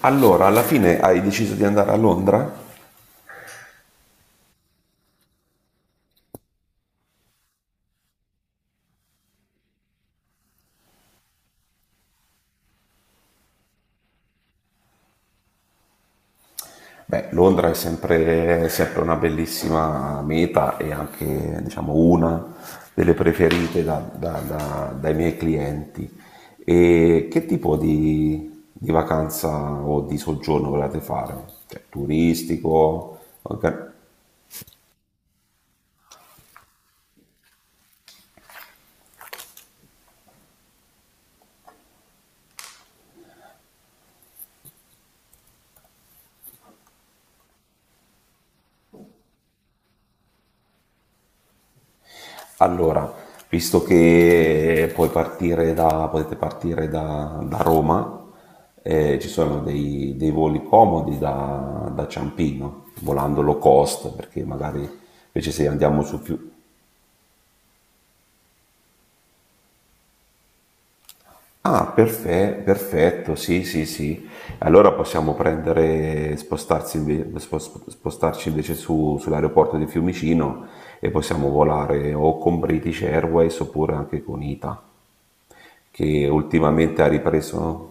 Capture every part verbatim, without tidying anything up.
Allora, alla fine hai deciso di andare a Londra? Beh, Londra è sempre, è sempre una bellissima meta e anche, diciamo, una delle preferite da- da- da- dai miei clienti. E che tipo di, di vacanza o di soggiorno volete fare? Cioè, turistico? Orga- Allora, visto che puoi partire da, potete partire da, da Roma, eh, ci sono dei, dei voli comodi da, da Ciampino, volando low cost, perché magari invece se andiamo su più... Ah, perfe- perfetto, sì, sì, sì. Allora possiamo prendere, spostarsi inve- spo- spo- spostarci invece su- sull'aeroporto di Fiumicino e possiamo volare o con British Airways oppure anche con I T A, che ultimamente ha ripreso.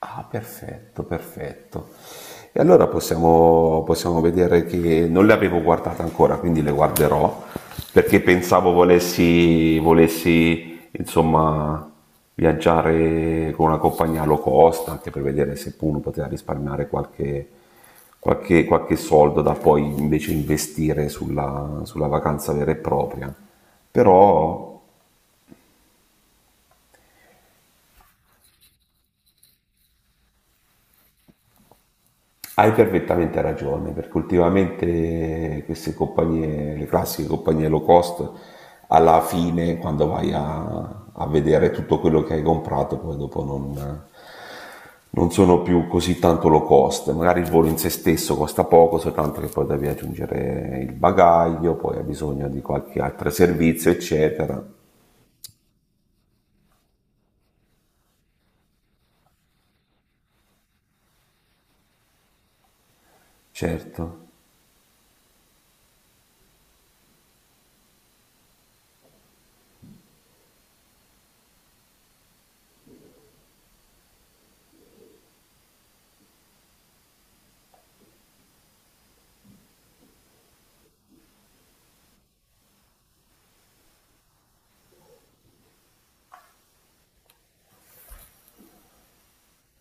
Ah, perfetto, perfetto. E allora possiamo, possiamo vedere che non le avevo guardate ancora, quindi le guarderò perché pensavo volessi, volessi insomma viaggiare con una compagnia low cost anche per vedere se uno poteva risparmiare qualche, qualche, qualche soldo da poi invece investire sulla, sulla vacanza vera e propria. Però hai perfettamente ragione, perché ultimamente queste compagnie, le classiche compagnie low cost, alla fine, quando vai a, a vedere tutto quello che hai comprato, poi dopo non, non sono più così tanto low cost. Magari il volo in se stesso costa poco, soltanto che poi devi aggiungere il bagaglio, poi hai bisogno di qualche altro servizio, eccetera. Certo.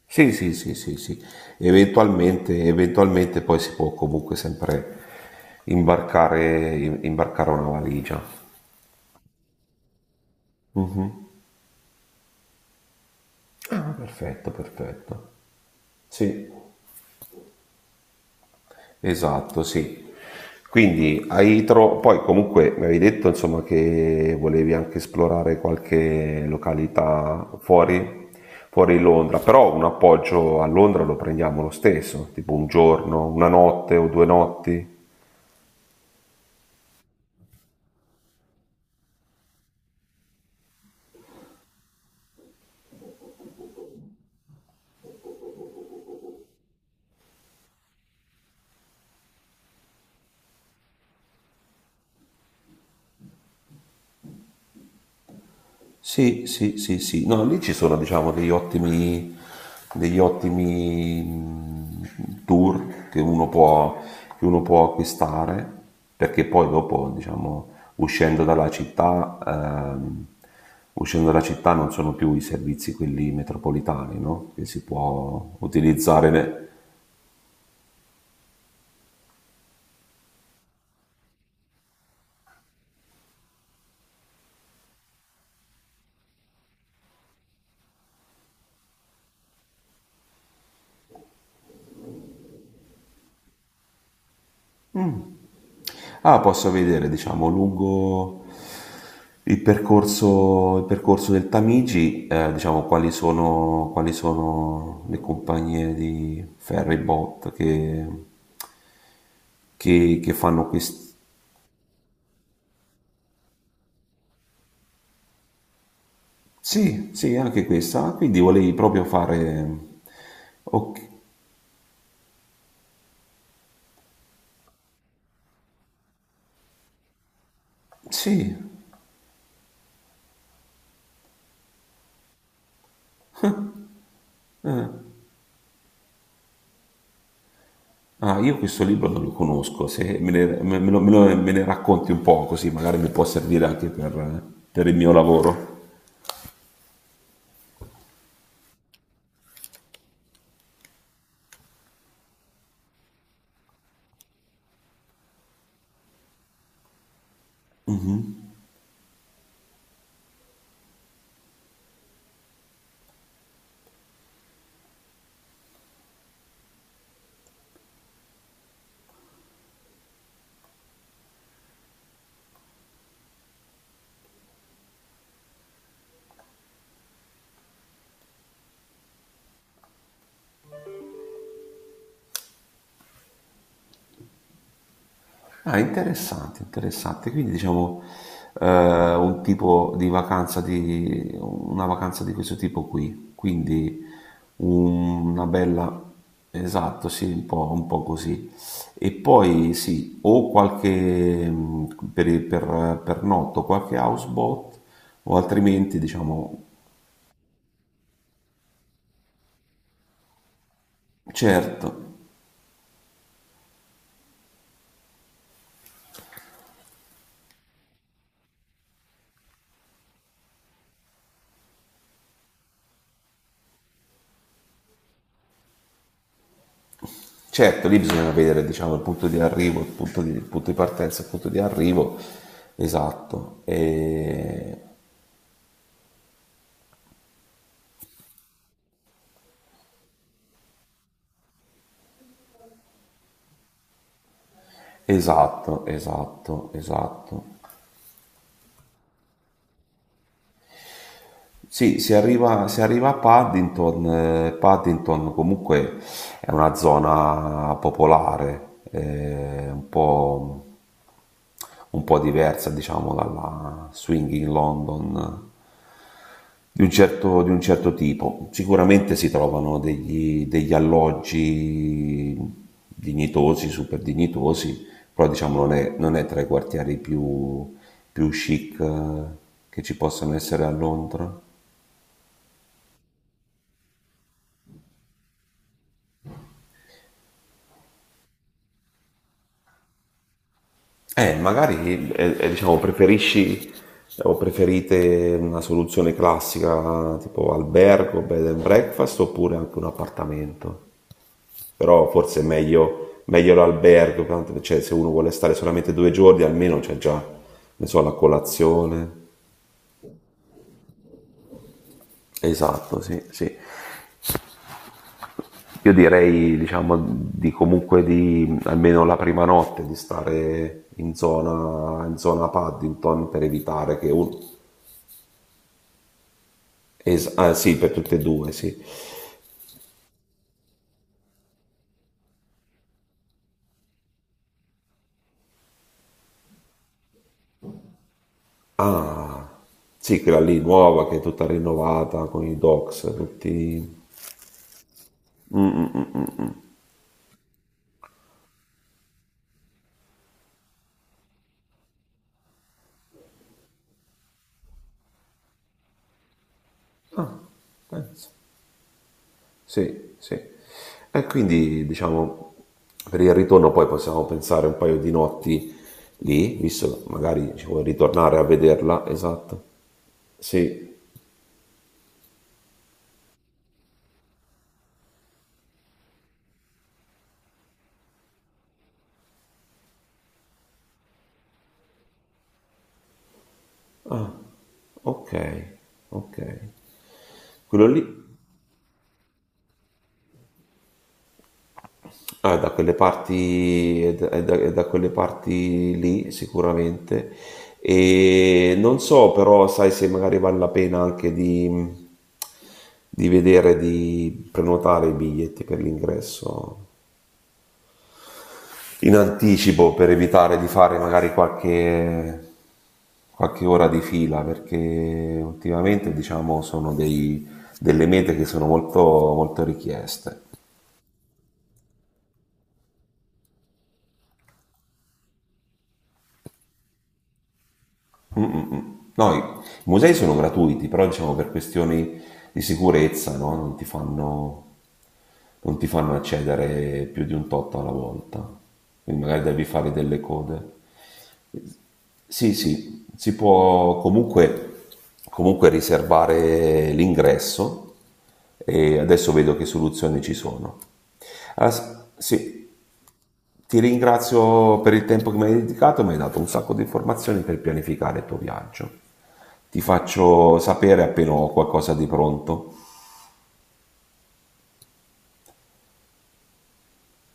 Sì, sì, sì, sì, sì. Eventualmente, eventualmente poi si può comunque sempre imbarcare, im- imbarcare una valigia. Ah, perfetto, perfetto. Sì, esatto, sì. Quindi hai tro- poi comunque mi avevi detto insomma che volevi anche esplorare qualche località fuori, fuori Londra, però un appoggio a Londra lo prendiamo lo stesso, tipo un giorno, una notte o due notti. Sì, sì, sì, sì. No, lì ci sono, diciamo, degli ottimi, degli ottimi mh, tour che uno può, che uno può acquistare, perché poi dopo, diciamo, uscendo dalla città, ehm, uscendo dalla città non sono più i servizi quelli metropolitani, no? Che si può utilizzare. Ne- Ah, posso vedere, diciamo, lungo il percorso, il percorso del Tamigi, eh, diciamo quali sono, quali sono le compagnie di ferry boat che, che- che fanno questo? Sì, sì, anche questa. Ah, quindi volevi proprio fare... Ok, sì. Ah, io questo libro non lo conosco, se me ne, me- me lo- me lo- me ne racconti un po' così magari mi può servire anche per eh, per il mio lavoro. Ah, interessante, interessante. Quindi diciamo eh, un tipo di vacanza di una vacanza di questo tipo qui. Quindi un- una bella esatto, sì, un po', un po' così. E poi sì, o qualche mh, per, per, per notto, qualche houseboat, o altrimenti diciamo certo. Certo, lì bisogna vedere, diciamo, il punto di arrivo, il punto di, il punto di partenza, il punto di arrivo, esatto. E esatto, esatto, esatto. Sì, si arriva, si arriva a Paddington. Eh, Paddington comunque è una zona popolare, eh, un po', un po' diversa, diciamo, dalla Swinging London di un certo, di un certo tipo. Sicuramente si trovano degli, degli alloggi dignitosi, super dignitosi, però diciamo non è, non è tra i quartieri più, più chic eh, che ci possano essere a Londra. Eh, magari eh, eh, diciamo, preferisci o preferite una soluzione classica tipo albergo, bed and breakfast oppure anche un appartamento? Però forse è meglio, meglio l'albergo, tanto, cioè, se uno vuole stare solamente due giorni almeno c'è già, ne so, la colazione. Esatto, sì, sì. Io direi, diciamo, di comunque di almeno la prima notte di stare in zona, in zona Paddington per evitare che uno... es- ah, sì, per tutte e due, sì. Ah, sì, quella lì nuova che è tutta rinnovata con i docks, tutti... Ah, penso. Sì, sì. E quindi, diciamo, per il ritorno poi possiamo pensare un paio di notti lì, visto che magari ci vuoi ritornare a vederla, esatto. Sì. Ah, ok, ok. Quello lì, ah, da quelle parti, è da, è da- è da quelle parti lì sicuramente. E non so però, sai se magari vale la pena anche di, di vedere, di prenotare i biglietti per l'ingresso in anticipo per evitare di fare magari qualche, qualche ora di fila, perché ultimamente diciamo sono dei, delle mete che sono molto, molto richieste. Mm-mm. No, i musei sono gratuiti, però diciamo per questioni di sicurezza no? non, Ti fanno, non ti fanno accedere più di un tot alla volta, quindi magari devi fare delle code. Sì, sì, si può comunque, comunque riservare l'ingresso e adesso vedo che soluzioni ci sono. Ah, s- sì, ti ringrazio per il tempo che mi hai dedicato, mi hai dato un sacco di informazioni per pianificare il tuo viaggio. Ti faccio sapere appena ho qualcosa di pronto.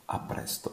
A presto.